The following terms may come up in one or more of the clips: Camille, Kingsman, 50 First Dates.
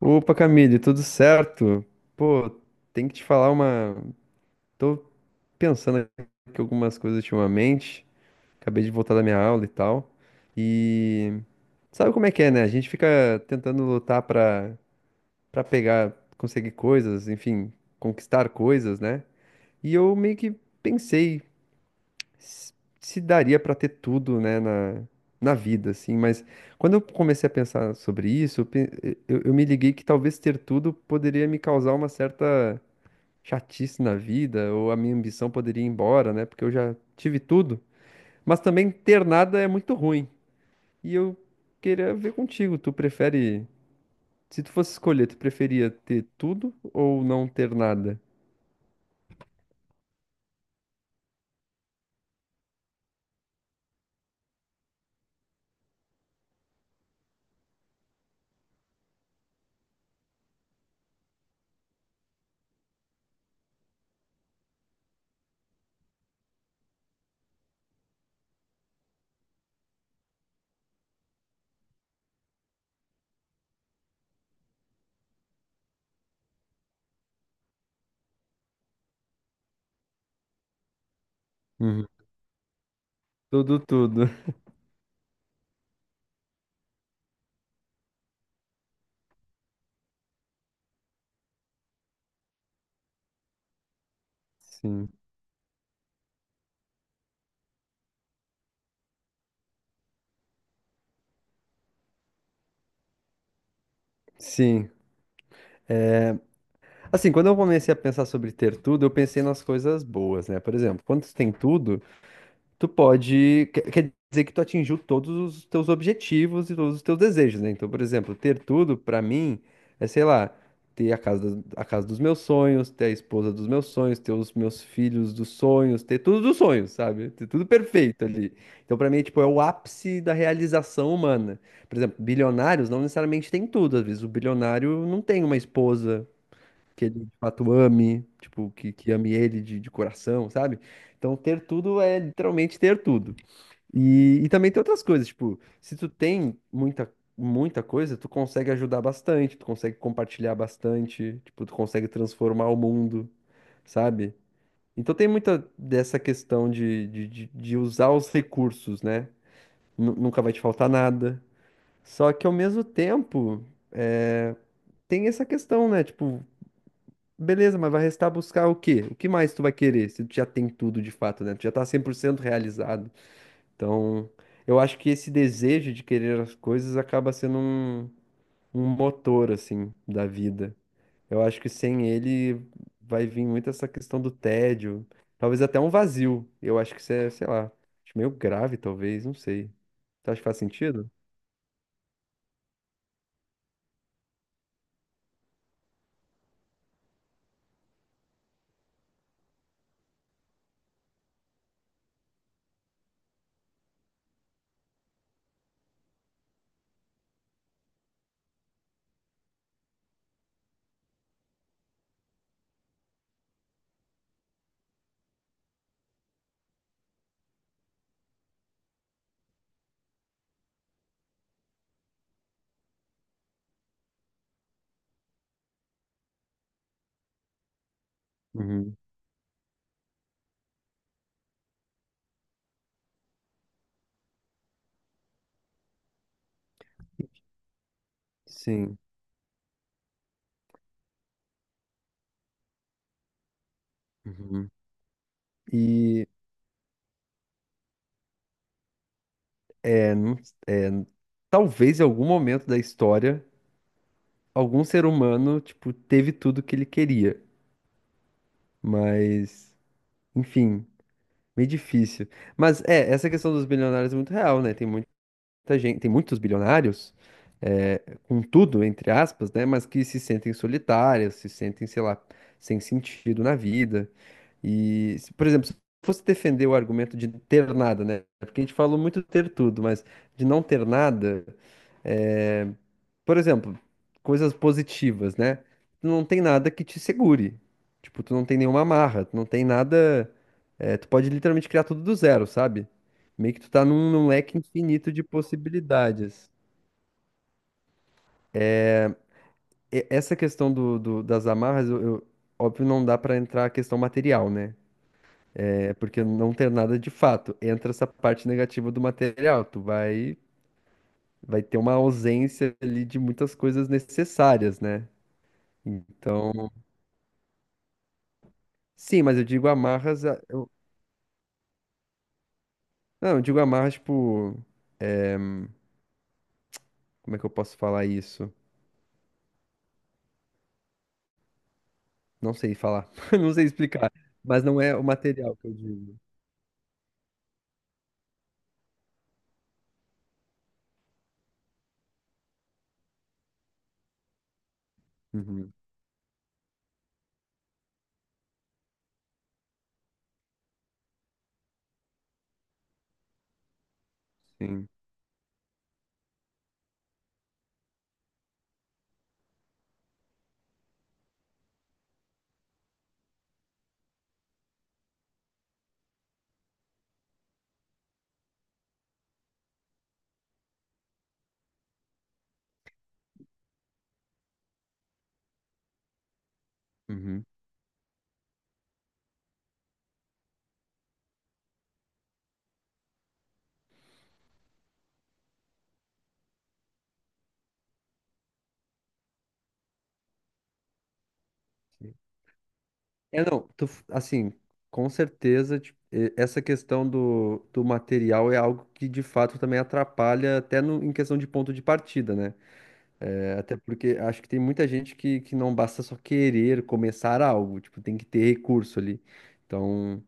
Opa, Camille, tudo certo? Pô, tem que te falar uma. Tô pensando aqui algumas coisas ultimamente. Acabei de voltar da minha aula e tal. E sabe como é que é, né? A gente fica tentando lutar pra pegar, conseguir coisas, enfim, conquistar coisas, né? E eu meio que pensei s- se daria pra ter tudo, né, na vida, assim, mas quando eu comecei a pensar sobre isso, eu me liguei que talvez ter tudo poderia me causar uma certa chatice na vida, ou a minha ambição poderia ir embora, né, porque eu já tive tudo, mas também ter nada é muito ruim. E eu queria ver contigo, tu prefere, se tu fosse escolher, tu preferia ter tudo ou não ter nada? Uhum. Tudo, tudo. Sim. Sim. Assim, quando eu comecei a pensar sobre ter tudo, eu pensei nas coisas boas, né? Por exemplo, quando tu tem tudo, tu pode. Quer dizer que tu atingiu todos os teus objetivos e todos os teus desejos, né? Então, por exemplo, ter tudo, pra mim, é, sei lá, ter a casa dos meus sonhos, ter a esposa dos meus sonhos, ter os meus filhos dos sonhos, ter tudo dos sonhos, sabe? Ter tudo perfeito ali. Então, pra mim, é, tipo, é o ápice da realização humana. Por exemplo, bilionários não necessariamente têm tudo. Às vezes, o bilionário não tem uma esposa que ele de fato ame, tipo, que ame ele de coração, sabe? Então, ter tudo é literalmente ter tudo. E também tem outras coisas, tipo, se tu tem muita coisa, tu consegue ajudar bastante, tu consegue compartilhar bastante, tipo, tu consegue transformar o mundo, sabe? Então tem muita dessa questão de usar os recursos, né? Nunca vai te faltar nada. Só que ao mesmo tempo, é, tem essa questão, né? Tipo, beleza, mas vai restar buscar o quê? O que mais tu vai querer se tu já tem tudo de fato, né? Tu já tá 100% realizado. Então, eu acho que esse desejo de querer as coisas acaba sendo um, um motor, assim, da vida. Eu acho que sem ele vai vir muito essa questão do tédio, talvez até um vazio. Eu acho que isso é, sei lá, acho meio grave, talvez, não sei. Tu acha que faz sentido? Uhum. Sim. Uhum. E é, não- é, talvez em algum momento da história. Algum ser humano, tipo, teve tudo que ele queria. Mas, enfim, meio difícil. Mas é, essa questão dos bilionários é muito real, né? Tem muita gente, tem muitos bilionários, é, com tudo, entre aspas, né? Mas que se sentem solitários, se sentem, sei lá, sem sentido na vida. E, por exemplo, se eu fosse defender o argumento de ter nada, né? Porque a gente falou muito ter tudo, mas de não ter nada, é, por exemplo, coisas positivas, né? Tu não tem nada que te segure. Tipo, tu não tem nenhuma amarra, tu não tem nada. É, tu pode literalmente criar tudo do zero, sabe? Meio que tu tá num leque infinito de possibilidades. Essa questão das amarras, óbvio, não dá pra entrar a questão material, né? É porque não tem nada de fato. Entra essa parte negativa do material. Vai ter uma ausência ali de muitas coisas necessárias, né? Então, sim, mas eu digo amarras. Eu, não, eu digo amarras, tipo. Como é que eu posso falar isso? Não sei falar. Não sei explicar. Mas não é o material que eu digo. Uhum, sim. Uhum. É, não, assim, com certeza, essa questão do, do material é algo que de fato também atrapalha até em questão de ponto de partida, né? É, até porque acho que tem muita gente que não basta só querer começar algo, tipo, tem que ter recurso ali. Então,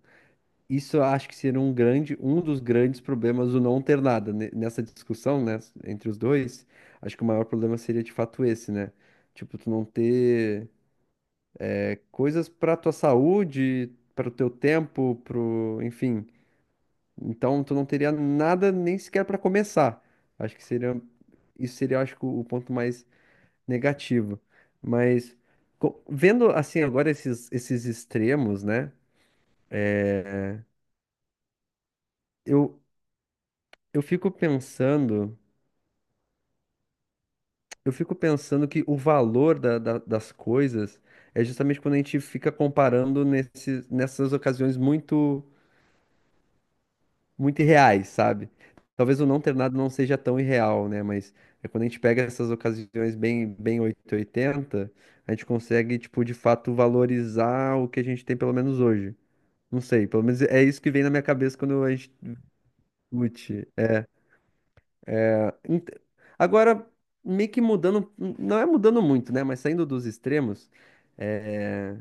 isso eu acho que seria um grande, um dos grandes problemas do não ter nada nessa discussão, né, entre os dois. Acho que o maior problema seria de fato esse, né? Tipo, tu não ter coisas para tua saúde, para o teu tempo, pro, enfim. Então tu não teria nada nem sequer para começar. Acho que seria isso seria, acho que o ponto mais negativo. Mas vendo assim agora esses extremos, né? É, eu, eu fico pensando, eu fico pensando que o valor das coisas é justamente quando a gente fica comparando nessas ocasiões muito irreais, sabe? Talvez o não ter nada não seja tão irreal, né? Mas é quando a gente pega essas ocasiões bem 880, a gente consegue, tipo, de fato valorizar o que a gente tem, pelo menos hoje. Não sei, pelo menos é isso que vem na minha cabeça quando a gente discute. Ent- Agora, meio que mudando, não é mudando muito, né? Mas saindo dos extremos, é,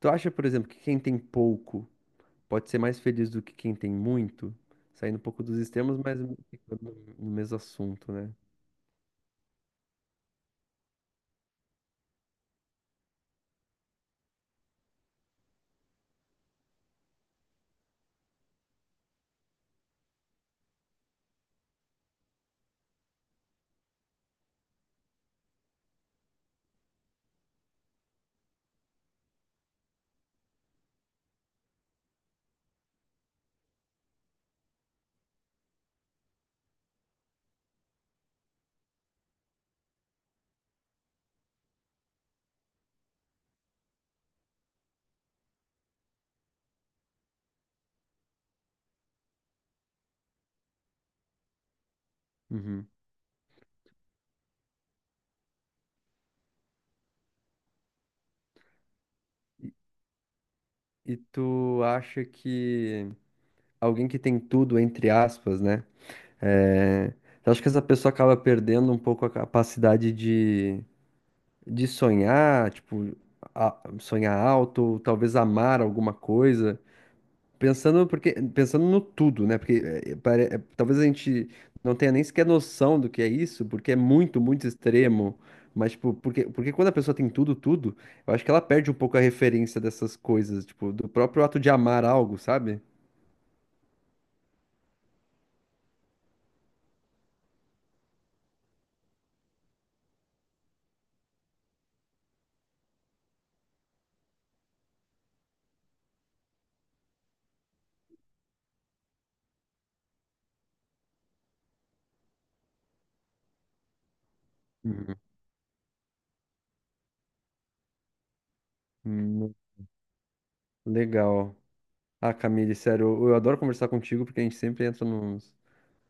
tu acha, por exemplo, que quem tem pouco. Pode ser mais feliz do que quem tem muito, saindo um pouco dos extremos, mas ficando no mesmo assunto, né? Uhum. E tu acha que alguém que tem tudo, entre aspas, né? É... Tu acha que essa pessoa acaba perdendo um pouco a capacidade de sonhar, tipo, sonhar alto, ou talvez amar alguma coisa? Pensando, porque, pensando no tudo, né? Porque é, talvez a gente não tenha nem sequer noção do que é isso, porque é muito, muito extremo. Mas, tipo, porque quando a pessoa tem tudo, tudo, eu acho que ela perde um pouco a referência dessas coisas, tipo, do próprio ato de amar algo, sabe? Uhum. Hum, legal. Ah, Camille, sério, eu adoro conversar contigo porque a gente sempre entra nos,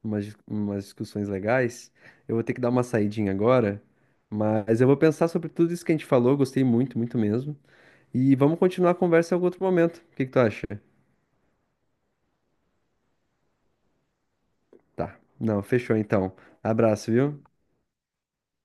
umas, dis- umas discussões legais. Eu vou ter que dar uma saidinha agora, mas eu vou pensar sobre tudo isso que a gente falou, gostei muito, muito mesmo. E vamos continuar a conversa em algum outro momento. O que que tu acha? Tá. Não, fechou então. Abraço, viu?